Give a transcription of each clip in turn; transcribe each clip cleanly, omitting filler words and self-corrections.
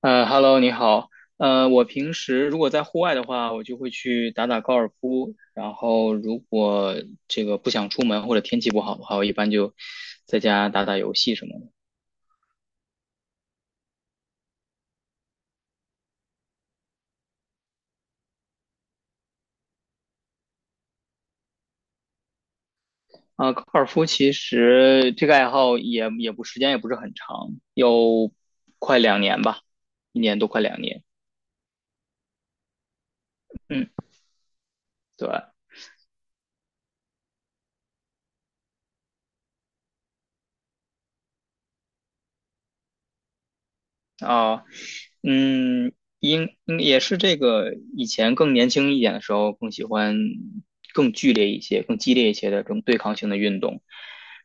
Hello，你好。我平时如果在户外的话，我就会去打打高尔夫。然后，如果这个不想出门或者天气不好的话，我一般就在家打打游戏什么的。啊，高尔夫其实这个爱好也不时间也不是很长，有快两年吧，一年多快两年。嗯，对。啊，嗯，应也是这个以前更年轻一点的时候，更喜欢更剧烈一些、更激烈一些的这种对抗性的运动，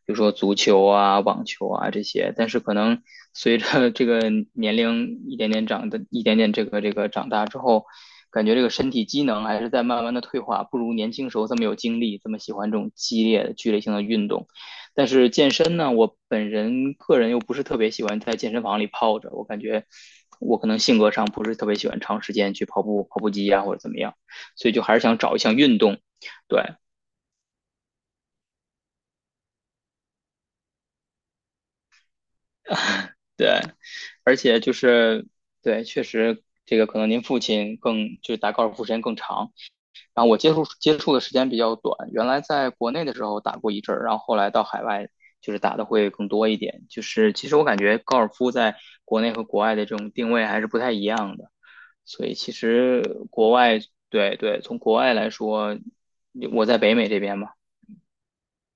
比如说足球啊、网球啊这些。但是可能随着这个年龄一点点长的、一点点这个长大之后，感觉这个身体机能还是在慢慢的退化，不如年轻时候这么有精力，这么喜欢这种激烈的、剧烈性的运动。但是健身呢，我本人个人又不是特别喜欢在健身房里泡着，我感觉我可能性格上不是特别喜欢长时间去跑步、跑步机呀、或者怎么样，所以就还是想找一项运动。对对，而且就是对，确实这个可能您父亲更就是打高尔夫时间更长，然后我接触接触的时间比较短，原来在国内的时候打过一阵儿，然后后来到海外。就是打的会更多一点，就是其实我感觉高尔夫在国内和国外的这种定位还是不太一样的。所以其实国外，对对，从国外来说，我在北美这边嘛，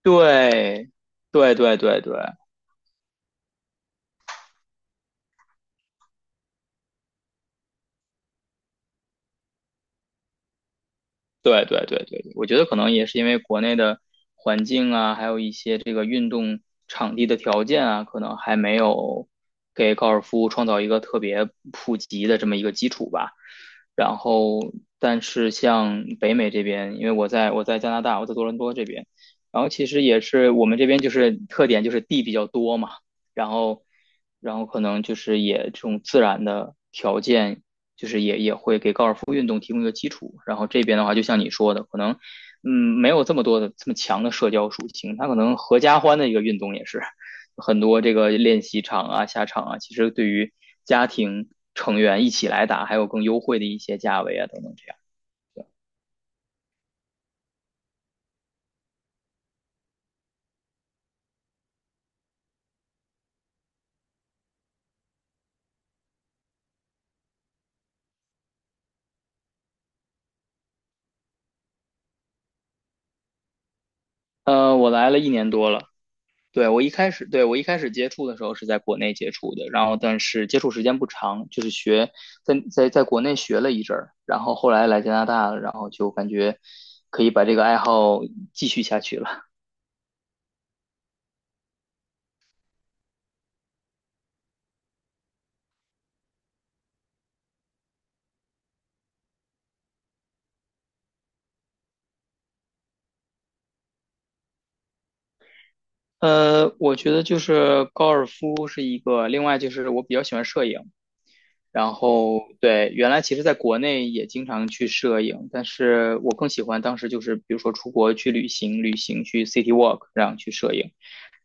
对，对对对对对对对对，我觉得可能也是因为国内的环境啊，还有一些这个运动场地的条件啊，可能还没有给高尔夫创造一个特别普及的这么一个基础吧。然后，但是像北美这边，因为我在加拿大，我在多伦多这边，然后其实也是我们这边就是特点就是地比较多嘛。然后，然后可能就是也这种自然的条件，就是也会给高尔夫运动提供一个基础。然后这边的话，就像你说的，可能嗯没有这么多的这么强的社交属性，它可能合家欢的一个运动也是很多这个练习场啊、下场啊，其实对于家庭成员一起来打，还有更优惠的一些价位啊等等这样。我来了一年多了，对，我一开始，对，我一开始接触的时候是在国内接触的，然后但是接触时间不长，就是在国内学了一阵儿，然后后来来加拿大了，然后就感觉可以把这个爱好继续下去了。我觉得就是高尔夫是一个，另外就是我比较喜欢摄影，然后对，原来其实在国内也经常去摄影，但是我更喜欢当时就是比如说出国去旅行，旅行去 city walk，然后去摄影。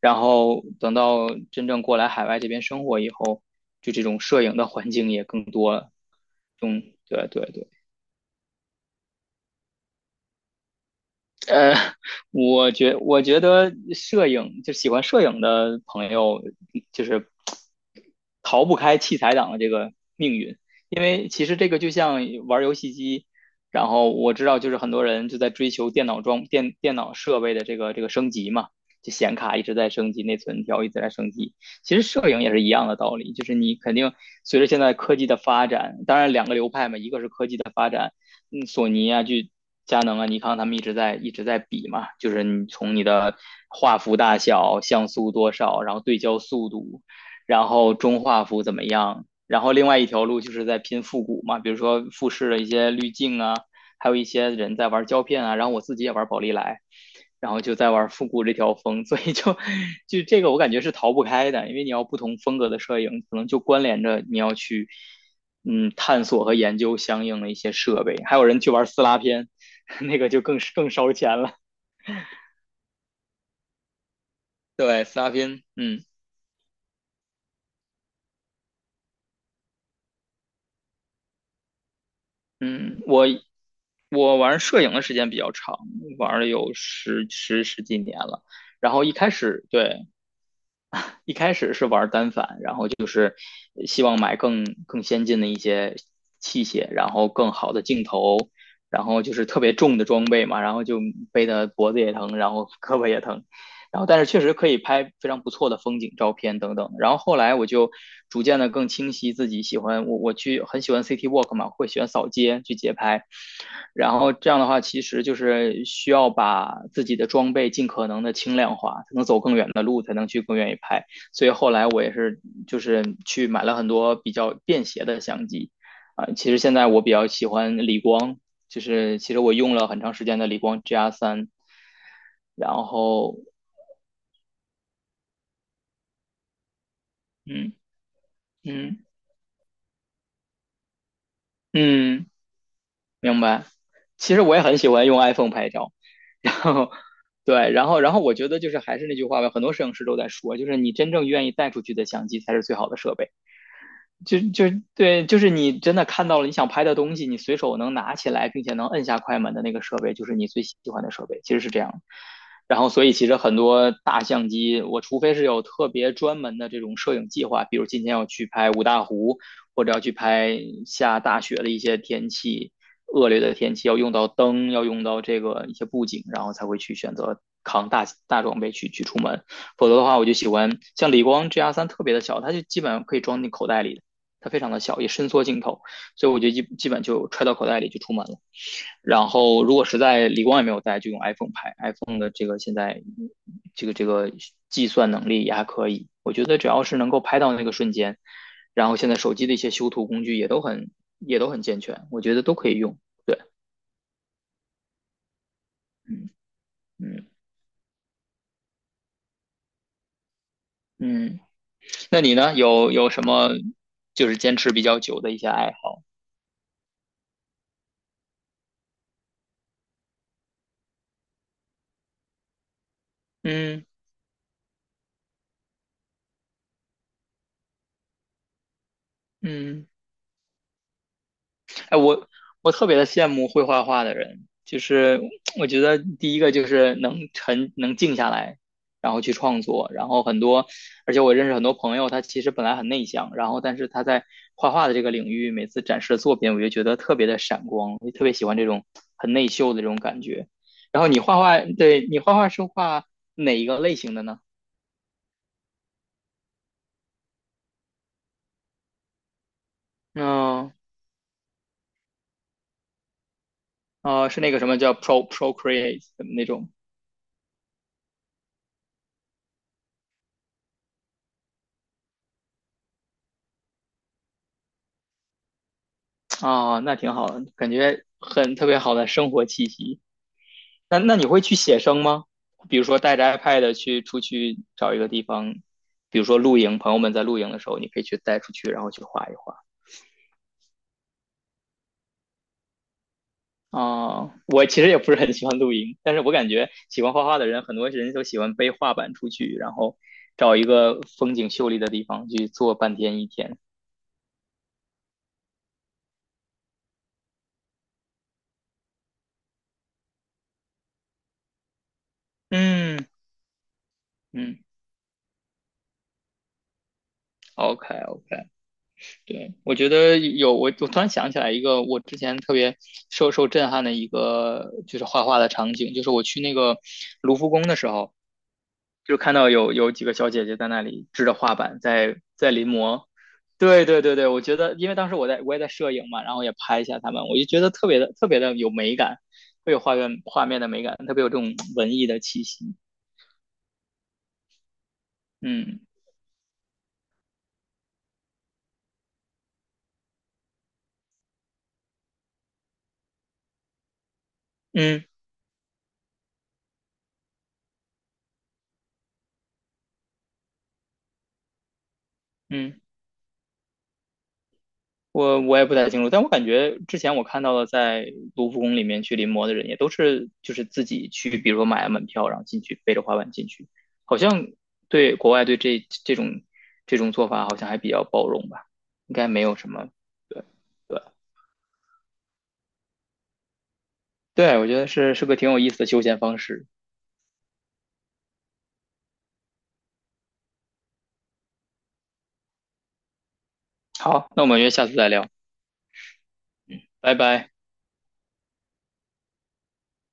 然后等到真正过来海外这边生活以后，就这种摄影的环境也更多了。嗯，对对对。呃，我觉得摄影就喜欢摄影的朋友，就是逃不开器材党的这个命运，因为其实这个就像玩游戏机，然后我知道就是很多人就在追求电脑装电脑设备的这个升级嘛，就显卡一直在升级，内存条一直在升级。其实摄影也是一样的道理，就是你肯定随着现在科技的发展，当然两个流派嘛，一个是科技的发展。索尼啊，就佳能啊、尼康他们一直在比嘛，就是你从你的画幅大小、像素多少，然后对焦速度，然后中画幅怎么样，然后另外一条路就是在拼复古嘛，比如说富士的一些滤镜啊，还有一些人在玩胶片啊，然后我自己也玩宝丽来。然后就在玩复古这条风，所以就这个我感觉是逃不开的，因为你要不同风格的摄影，可能就关联着你要去探索和研究相应的一些设备，还有人去玩撕拉片，那个就更烧钱了。对，撕拉片，嗯嗯，我玩摄影的时间比较长，玩了有十几年了。然后一开始对，一开始是玩单反，希望买更先进的一些器械，然后更好的镜头，然后就是特别重的装备嘛，然后就背的脖子也疼，然后胳膊也疼，然后但是确实可以拍非常不错的风景照片等等。然后后来我就逐渐的更清晰自己喜欢我去很喜欢 city walk 嘛，会喜欢扫街去街拍，然后这样的话其实就是需要把自己的装备尽可能的轻量化，才能走更远的路，才能去更愿意拍。所以后来我也是就是去买了很多比较便携的相机啊、其实现在我比较喜欢理光，就是其实我用了很长时间的理光 GR 三，然后嗯嗯嗯，明白。其实我也很喜欢用 iPhone 拍照，然后对，然后我觉得就是还是那句话吧，很多摄影师都在说，就是你真正愿意带出去的相机才是最好的设备。就对，就是你真的看到了你想拍的东西，你随手能拿起来，并且能摁下快门的那个设备，就是你最喜欢的设备，其实是这样。然后，所以其实很多大相机，我除非是有特别专门的这种摄影计划，比如今天要去拍五大湖，或者要去拍下大雪的一些天气，恶劣的天气，要用到灯，要用到这个一些布景，然后才会去选择扛大装备去出门。否则的话，我就喜欢像理光 GR 三特别的小，它就基本上可以装进口袋里的。它非常的小，也伸缩镜头，所以我就基本就揣到口袋里就出门了。然后如果实在理光也没有带，就用 iPhone 拍。iPhone 的这个现在这个计算能力也还可以，我觉得只要是能够拍到那个瞬间，然后现在手机的一些修图工具也都很健全，我觉得都可以用。嗯嗯嗯，那你呢？有什么就是坚持比较久的一些爱好？嗯嗯。我我特别的羡慕会画画的人，就是我觉得第一个就是能静下来，然后去创作，然后很多，而且我认识很多朋友，他其实本来很内向，然后但是他在画画的这个领域，每次展示的作品，我就觉得特别的闪光，我就特别喜欢这种很内秀的这种感觉。然后你画画，对你画画是画哪一个类型的呢？嗯，是那个什么叫 Procreate 的那种吗？哦，那挺好的，感觉很特别好的生活气息。那你会去写生吗？比如说带着 iPad 去出去找一个地方，比如说露营，朋友们在露营的时候，你可以去带出去，然后去画一画。哦，我其实也不是很喜欢露营，但是我感觉喜欢画画的人，很多人都喜欢背画板出去，然后找一个风景秀丽的地方去坐半天一天。嗯嗯，OK OK。对，我觉得我突然想起来一个我之前特别受震撼的一个就是画画的场景，就是我去那个卢浮宫的时候，就看到有几个小姐姐在那里支着画板在临摹。对对对对，我觉得因为当时我也在摄影嘛，然后也拍一下他们，我就觉得特别的特别的有美感，特别有画面画面的美感，特别有这种文艺的气息。嗯嗯嗯。我也不太清楚，但我感觉之前我看到了在卢浮宫里面去临摹的人，也都是就是自己去，比如说买了门票，然后进去背着滑板进去，好像对国外对这种做法好像还比较包容吧，应该没有什么。对对对，我觉得是个挺有意思的休闲方式。好，那我们约下次再聊，拜拜。